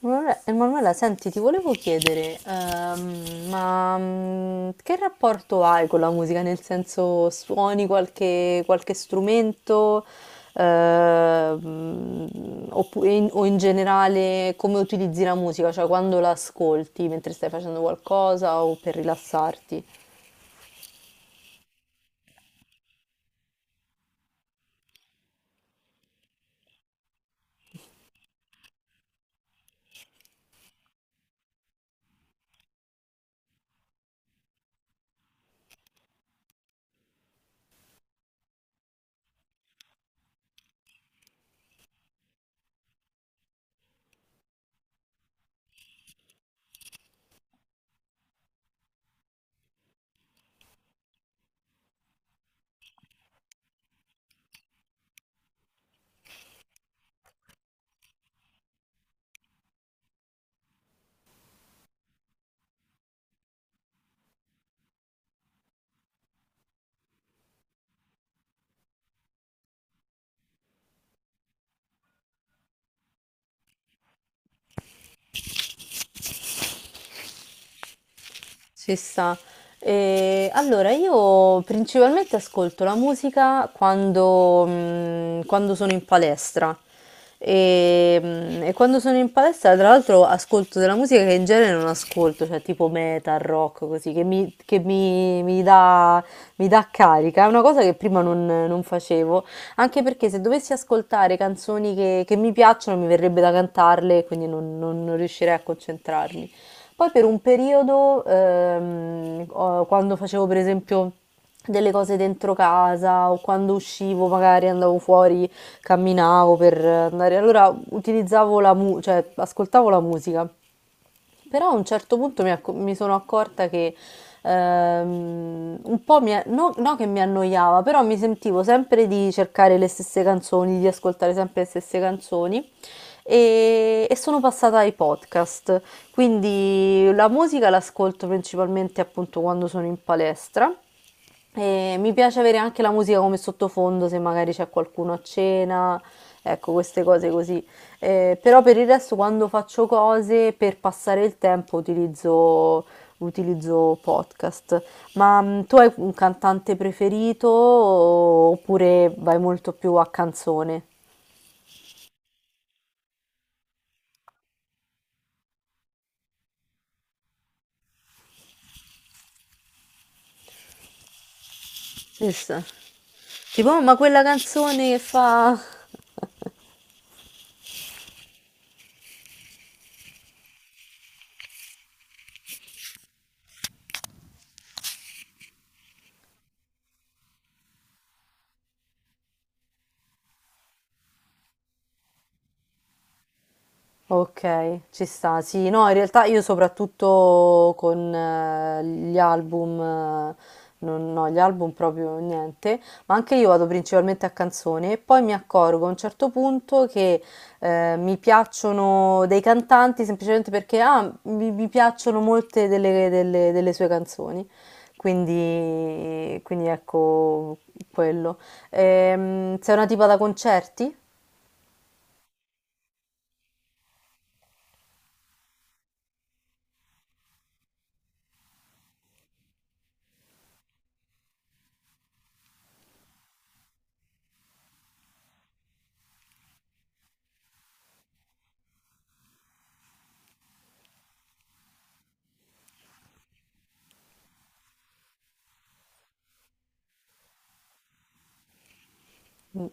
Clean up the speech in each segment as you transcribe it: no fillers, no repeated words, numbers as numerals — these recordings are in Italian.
Emanuela, senti, ti volevo chiedere, che rapporto hai con la musica? Nel senso, suoni qualche strumento, Ehm, o in generale come utilizzi la musica? Cioè quando la ascolti mentre stai facendo qualcosa o per rilassarti? Ci sta. E allora, io principalmente ascolto la musica quando sono in palestra. E quando sono in palestra, tra l'altro, ascolto della musica che in genere non ascolto, cioè tipo metal, rock, così, mi dà carica. È una cosa che prima non, non facevo, anche perché se dovessi ascoltare canzoni che mi piacciono, mi verrebbe da cantarle, quindi non riuscirei a concentrarmi. Poi per un periodo, quando facevo per esempio delle cose dentro casa o quando uscivo, magari andavo fuori, camminavo per andare, allora cioè ascoltavo la musica. Però a un certo punto mi sono accorta che un po' mi, a- no, no che mi annoiava, però mi sentivo sempre di cercare le stesse canzoni, di ascoltare sempre le stesse canzoni e sono passata ai podcast. Quindi la musica l'ascolto principalmente appunto quando sono in palestra. E mi piace avere anche la musica come sottofondo, se magari c'è qualcuno a cena, ecco, queste cose così. Però per il resto, quando faccio cose per passare il tempo, utilizzo podcast. Tu hai un cantante oppure vai molto più a canzone? Issa. Tipo, "Oh, ma quella canzone che fa... Ok, ci sta. Sì, no, in realtà io soprattutto con gli album, non, no, gli album proprio niente, ma anche io vado principalmente a canzone e poi mi accorgo a un certo punto che mi piacciono dei cantanti semplicemente perché ah, mi piacciono molte delle sue canzoni. Quindi ecco quello. Sei una tipa da concerti? Mm.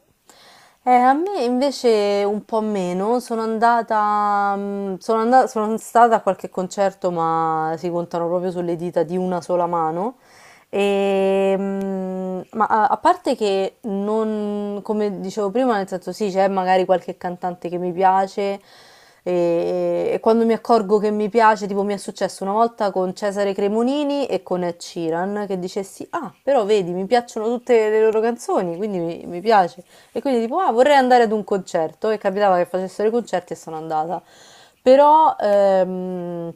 A me invece un po' meno, sono andata, sono stata a qualche concerto, ma si contano proprio sulle dita di una sola mano. A parte che non, come dicevo prima, nel senso sì, c'è magari qualche cantante che mi piace e quando mi accorgo che mi piace, tipo mi è successo una volta con Cesare Cremonini e con Ed Sheeran, che dicessi, ah, però vedi, mi piacciono tutte le loro canzoni, quindi mi piace. E quindi tipo, ah, vorrei andare ad un concerto. E capitava che facessero i concerti e sono andata. Però ehm,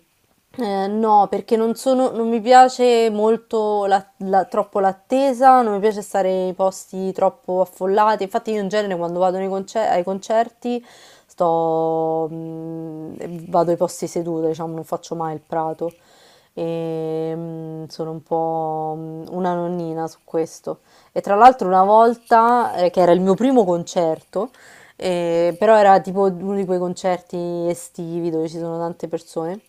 eh, no, perché non mi piace molto troppo l'attesa, non mi piace stare in posti troppo affollati. Infatti, io in genere quando ai concerti sto, mm, vado ai posti seduta, diciamo, non faccio mai il prato. Sono un po' una nonnina su questo. E tra l'altro una volta, che era il mio primo concerto, però era tipo uno di quei concerti estivi dove ci sono tante persone,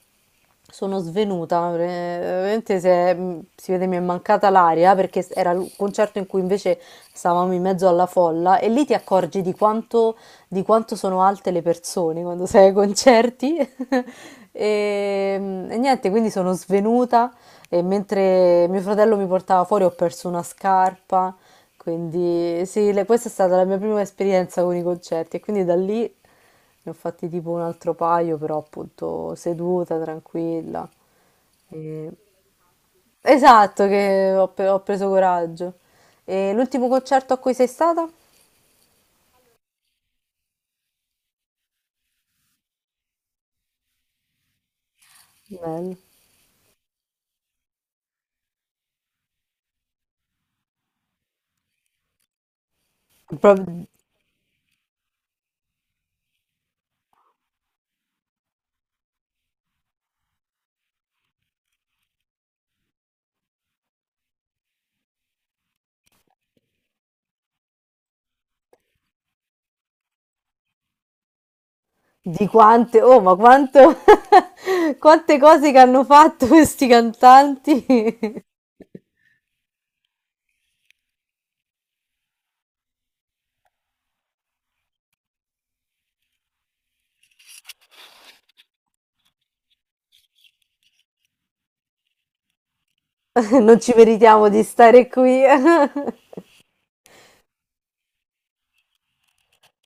sono svenuta, si vede mi è mancata l'aria perché era il concerto in cui invece stavamo in mezzo alla folla e lì ti accorgi di di quanto sono alte le persone quando sei ai concerti. E niente, quindi sono svenuta e mentre mio fratello mi portava fuori ho perso una scarpa. Quindi sì, questa è stata la mia prima esperienza con i concerti e quindi da lì ne ho fatti tipo un altro paio, però appunto seduta, tranquilla. E- Esatto, ho preso coraggio. E l'ultimo concerto a cui sei stata? Bello. Proprio di quante, oh, ma quanto, quante cose che hanno fatto questi cantanti. Non ci meritiamo di stare qui.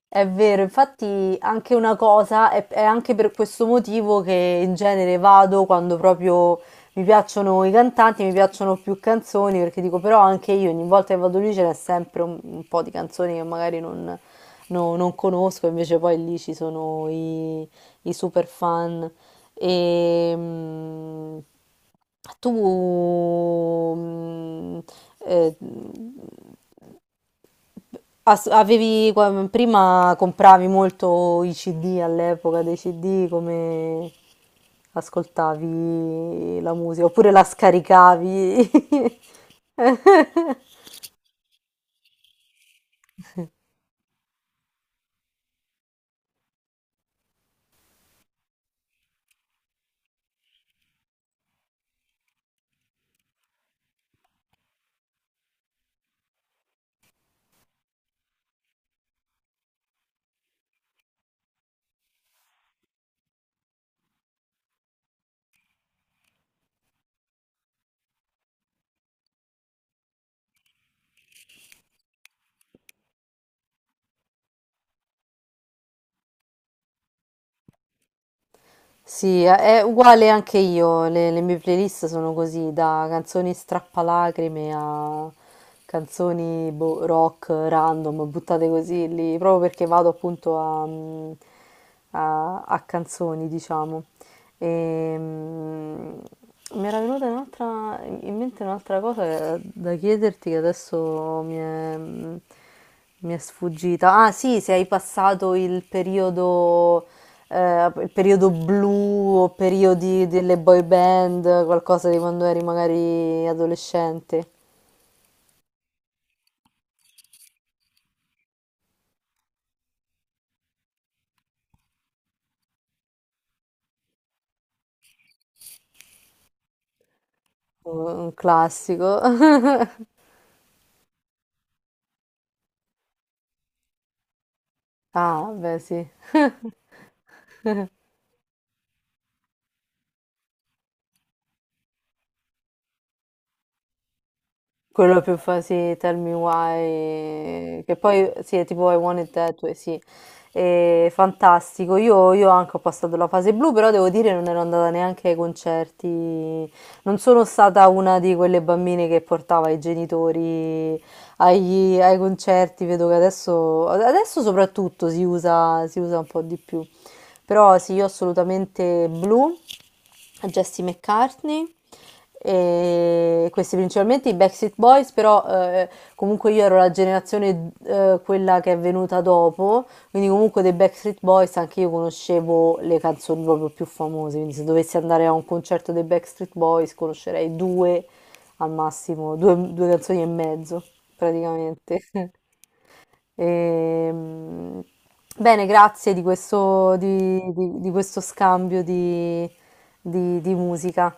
È vero, infatti anche una cosa, è anche per questo motivo che in genere vado quando proprio mi piacciono i cantanti, mi piacciono più canzoni, perché dico però anche io ogni volta che vado lì ce n'è sempre un po' di canzoni che magari non conosco, invece poi lì ci sono i super fan. E, mm, tu mm, eh, Avevi, prima compravi molto i CD all'epoca dei CD, come ascoltavi la musica, oppure la scaricavi. Sì, è uguale anche io, le mie playlist sono così, da canzoni strappalacrime a canzoni boh, rock random, buttate così lì, proprio perché vado appunto a, a canzoni, diciamo. E, mm, mi era venuta in mente un'altra cosa da chiederti che adesso mi è sfuggita. Ah, sì, se hai passato il periodo blu o periodi delle boy band, qualcosa di quando eri magari adolescente, un classico. Ah, beh, sì. Quello più fa sì, Tell Me Why, che poi sì, è tipo I Want It That Way, sì. È fantastico. Io anche ho passato la fase blu, però devo dire non ero andata neanche ai concerti. Non sono stata una di quelle bambine che portava i genitori ai concerti. Vedo che adesso soprattutto si usa un po' di più. Però sì, io assolutamente blu a Jesse McCartney. E questi principalmente i Backstreet Boys, però comunque io ero la generazione quella che è venuta dopo, quindi comunque dei Backstreet Boys anche io conoscevo le canzoni proprio più famose, quindi se dovessi andare a un concerto dei Backstreet Boys conoscerei due al massimo, due canzoni e mezzo praticamente. Ehm, bene, grazie di questo, di questo scambio di di musica.